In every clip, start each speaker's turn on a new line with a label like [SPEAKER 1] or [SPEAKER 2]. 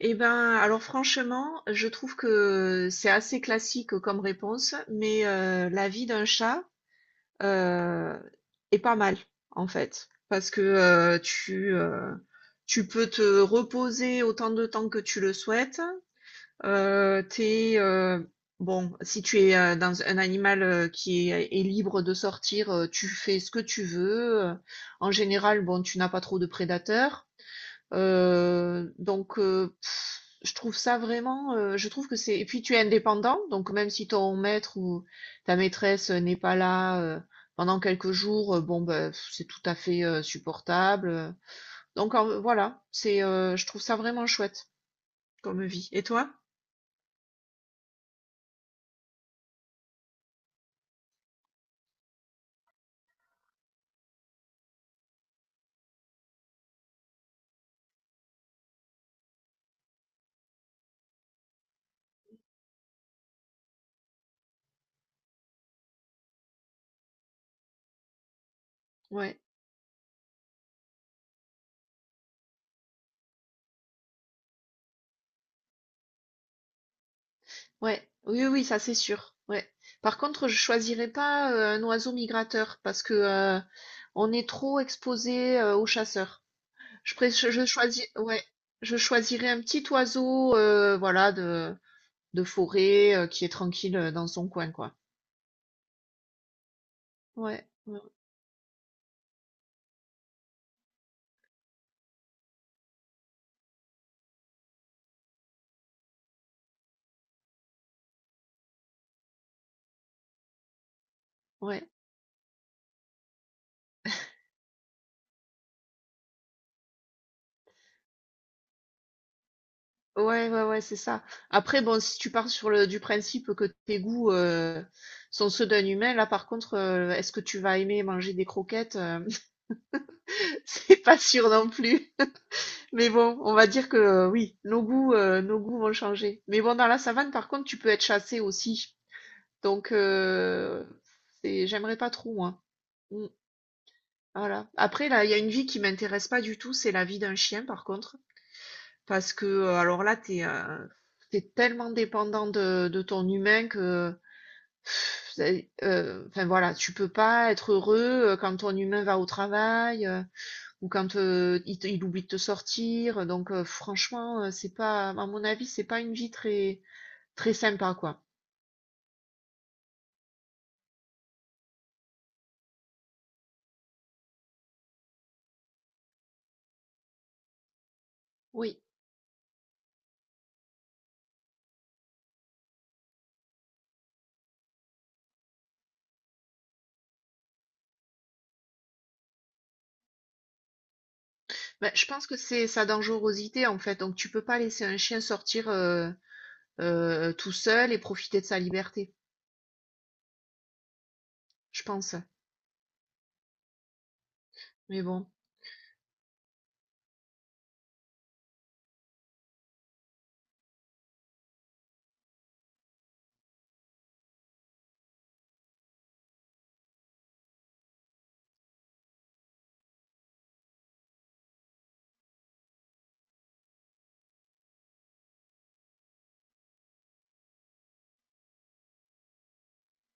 [SPEAKER 1] Eh ben, alors franchement, je trouve que c'est assez classique comme réponse, mais la vie d'un chat euh, est pas mal en fait, parce que tu peux te reposer autant de temps que tu le souhaites. T'es bon, si tu es dans un animal qui est libre de sortir, tu fais ce que tu veux. En général, bon, tu n'as pas trop de prédateurs. Donc, je trouve ça vraiment, je trouve que c'est et puis tu es indépendant, donc même si ton maître ou ta maîtresse, n'est pas là, pendant quelques jours, bon, bah, c'est tout à fait, supportable, donc en voilà, c'est, je trouve ça vraiment chouette comme vie. Et toi? Ouais, ouais, oui, oui, oui, ça c'est sûr, ouais. Par contre, je choisirais pas, un oiseau migrateur parce que, heu, on est trop exposé, aux chasseurs. Je, pré- je choisis, ouais, je choisirais un petit oiseau, voilà, de forêt, qui est tranquille dans son coin, quoi. Ouais, ouais, ouais, ouais, ouais, ouais, c'est ça. Après, bon, si tu pars sur le du principe que tes goûts sont ceux d'un humain, là, par contre, est-ce que tu vas aimer manger des croquettes? C'est pas sûr non plus. Mais bon, on va dire que oui, nos goûts vont changer. Mais bon, dans la savane, par contre, tu peux être chassé aussi. Donc, j'aimerais pas trop, moi. Mmh, voilà. Après là, il y a une vie qui m'intéresse pas du tout, c'est la vie d'un chien par contre. Parce que, alors là, t'es tellement dépendant de ton humain que pff, c'est enfin voilà, tu peux pas être heureux, quand ton humain va au travail, ou quand, il oublie de te sortir, donc franchement, c'est pas à mon avis, c'est pas une vie très très sympa, quoi. Oui. Bah, je pense que c'est sa dangerosité, en fait, donc tu peux pas laisser un chien sortir, tout seul et profiter de sa liberté, je pense. Mais bon,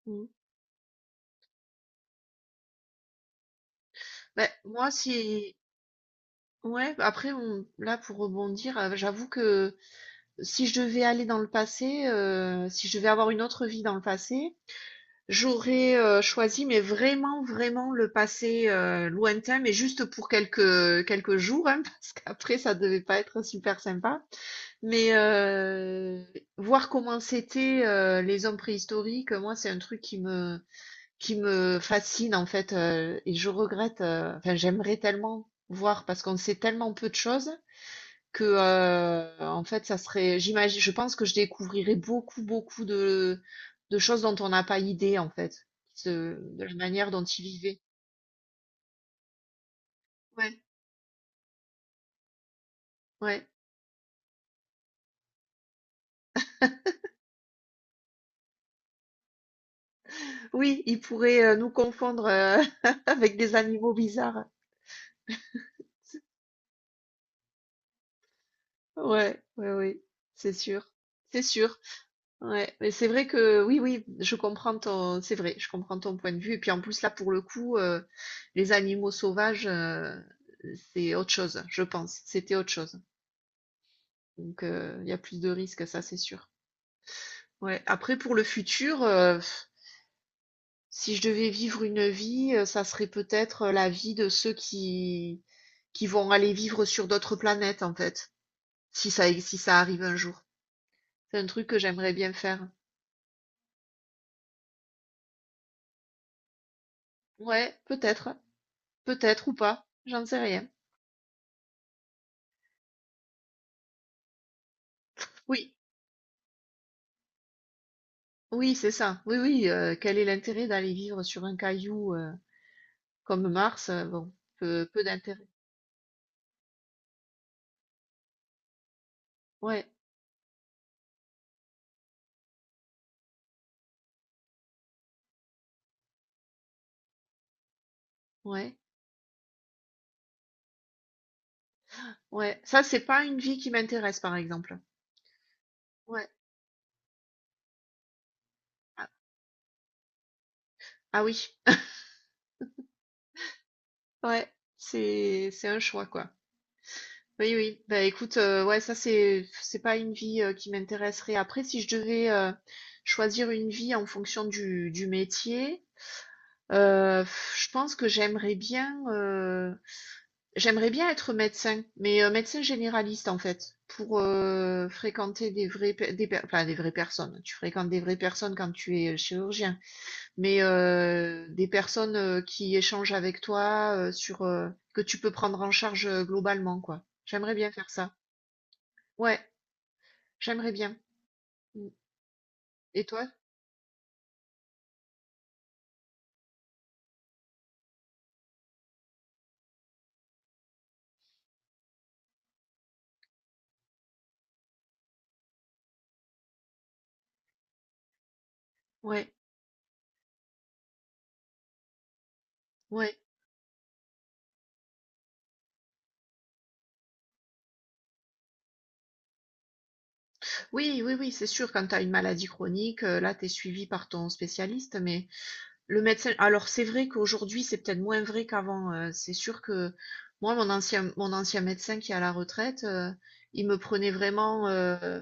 [SPEAKER 1] mmh. Beh, moi si ouais, après on là pour rebondir, j'avoue que si je devais aller dans le passé, si je devais avoir une autre vie dans le passé, j'aurais, choisi mais vraiment, vraiment le passé, lointain, mais juste pour quelques, quelques jours, hein, parce qu'après ça devait pas être super sympa. Mais, voir comment c'était les hommes préhistoriques, moi c'est un truc qui me fascine en fait et je regrette enfin j'aimerais tellement voir parce qu'on sait tellement peu de choses que en fait ça serait j'imagine je pense que je découvrirais beaucoup beaucoup de choses dont on n'a pas idée en fait de la manière dont ils vivaient. Ouais, ouais, oui, ils pourraient nous confondre avec des animaux bizarres. Ouais, ouais, oui, c'est sûr, c'est sûr. Ouais, mais c'est vrai que oui, oui, c'est vrai, je comprends ton point de vue. Et puis en plus, là, pour le coup, les animaux sauvages, c'est autre chose, je pense. C'était autre chose. Donc, il y a plus de risques, ça, c'est sûr. Ouais. Après, pour le futur, si je devais vivre une vie, ça serait peut-être la vie de ceux qui vont aller vivre sur d'autres planètes, en fait, si ça arrive un jour. C'est un truc que j'aimerais bien faire. Ouais, peut-être, peut-être ou pas, j'en sais rien. Oui. Oui, c'est ça. Oui, oui, quel est l'intérêt d'aller vivre sur un caillou, comme Mars, bon, peu d'intérêt. Ouais, ouais, ouais. Ça, c'est pas une vie qui m'intéresse, par exemple. Ouais. Ah, ah, oui. Ouais, c'est un choix, quoi. Oui, oui. Bah, écoute, ouais, ça, c'est pas une vie, qui m'intéresserait. Après, si je devais, choisir une vie en fonction du métier, heu, je pense que j'aimerais bien être médecin, mais médecin généraliste en fait, pour fréquenter des vraies, pe- des per- enfin, des vraies personnes. Tu fréquentes des vraies personnes quand tu es chirurgien, mais des personnes qui échangent avec toi sur que tu peux prendre en charge globalement quoi. J'aimerais bien faire ça. Ouais, j'aimerais bien. Mm. Et toi? Ouais, ouais. Oui, oui, oui, c'est sûr. Quand tu as une maladie chronique, là, tu es suivi par ton spécialiste, mais le médecin, alors c'est vrai qu'aujourd'hui, c'est peut-être moins vrai qu'avant. C'est sûr que moi, mon ancien médecin qui est à la retraite, il me prenait vraiment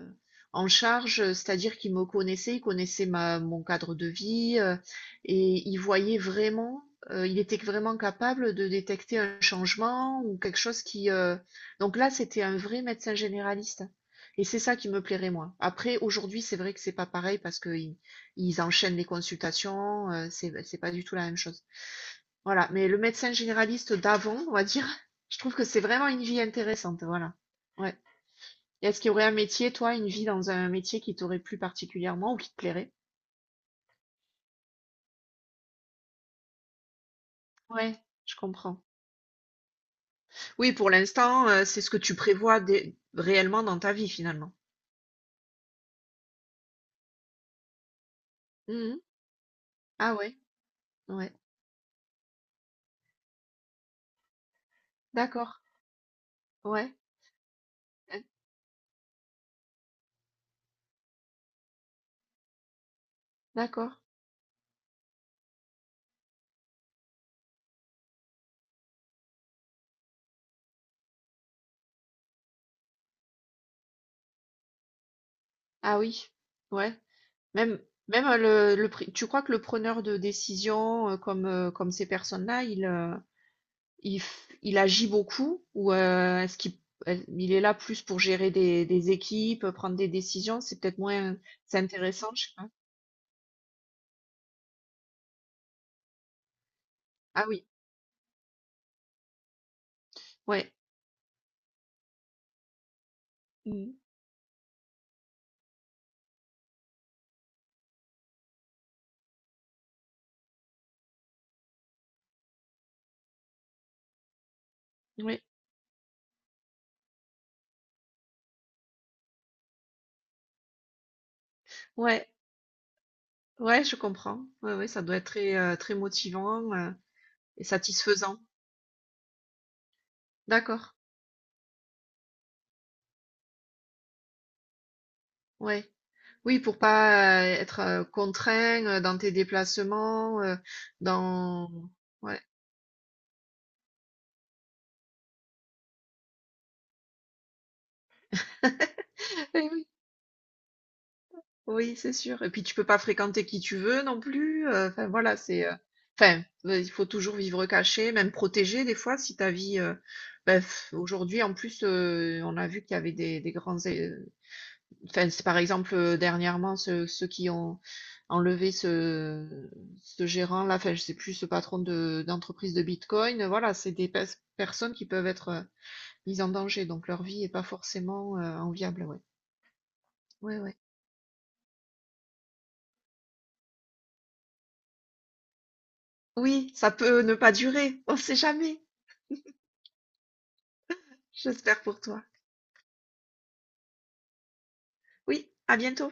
[SPEAKER 1] en charge, c'est-à-dire qu'il me connaissait, il connaissait mon cadre de vie et il voyait vraiment, il était vraiment capable de détecter un changement ou quelque chose qui. Donc là, c'était un vrai médecin généraliste. Et c'est ça qui me plairait, moi. Après, aujourd'hui, c'est vrai que c'est pas pareil parce que ils enchaînent les consultations, c'est pas du tout la même chose. Voilà, mais le médecin généraliste d'avant, on va dire, je trouve que c'est vraiment une vie intéressante, voilà. Ouais. Et est-ce qu'il y aurait un métier, toi, une vie dans un métier qui t'aurait plu particulièrement ou qui te plairait? Ouais, je comprends. Oui, pour l'instant, c'est ce que tu prévois réellement dans ta vie finalement. Mhm. Ah ouais, ouais. D'accord. Ouais. Euh, D'accord. Ah oui. Ouais. Même, même le, pri- tu crois que le preneur de décision, comme ces personnes-là, il agit beaucoup ou est-ce qu'il il est là plus pour gérer des équipes, prendre des décisions? C'est peut-être moins, c'est intéressant, je sais pas. Ah oui, ouais, mm, ouais, ouais, ouais, je comprends. Ouais, ouais, ça doit être très, très motivant, et satisfaisant. D'accord, ouais. Oui, pour pas être contraint dans tes déplacements, dans, ouais. Eh oui, oui, c'est sûr. Et puis tu peux pas fréquenter qui tu veux non plus. Enfin voilà, c'est. Enfin, il faut toujours vivre caché, même protégé des fois si ta vie. Ben, pff, aujourd'hui en plus, on a vu qu'il y avait des grands. Enfin, c'est par exemple dernièrement ceux qui ont enlevé ce gérant là. Enfin, je sais plus ce patron de d'entreprise de Bitcoin. Voilà, c'est des personnes qui peuvent être mises en danger, donc leur vie est pas forcément enviable. Ouais. Ouais, ouais. Oui, ça peut ne pas durer, on sait jamais. J'espère pour toi. Oui, à bientôt.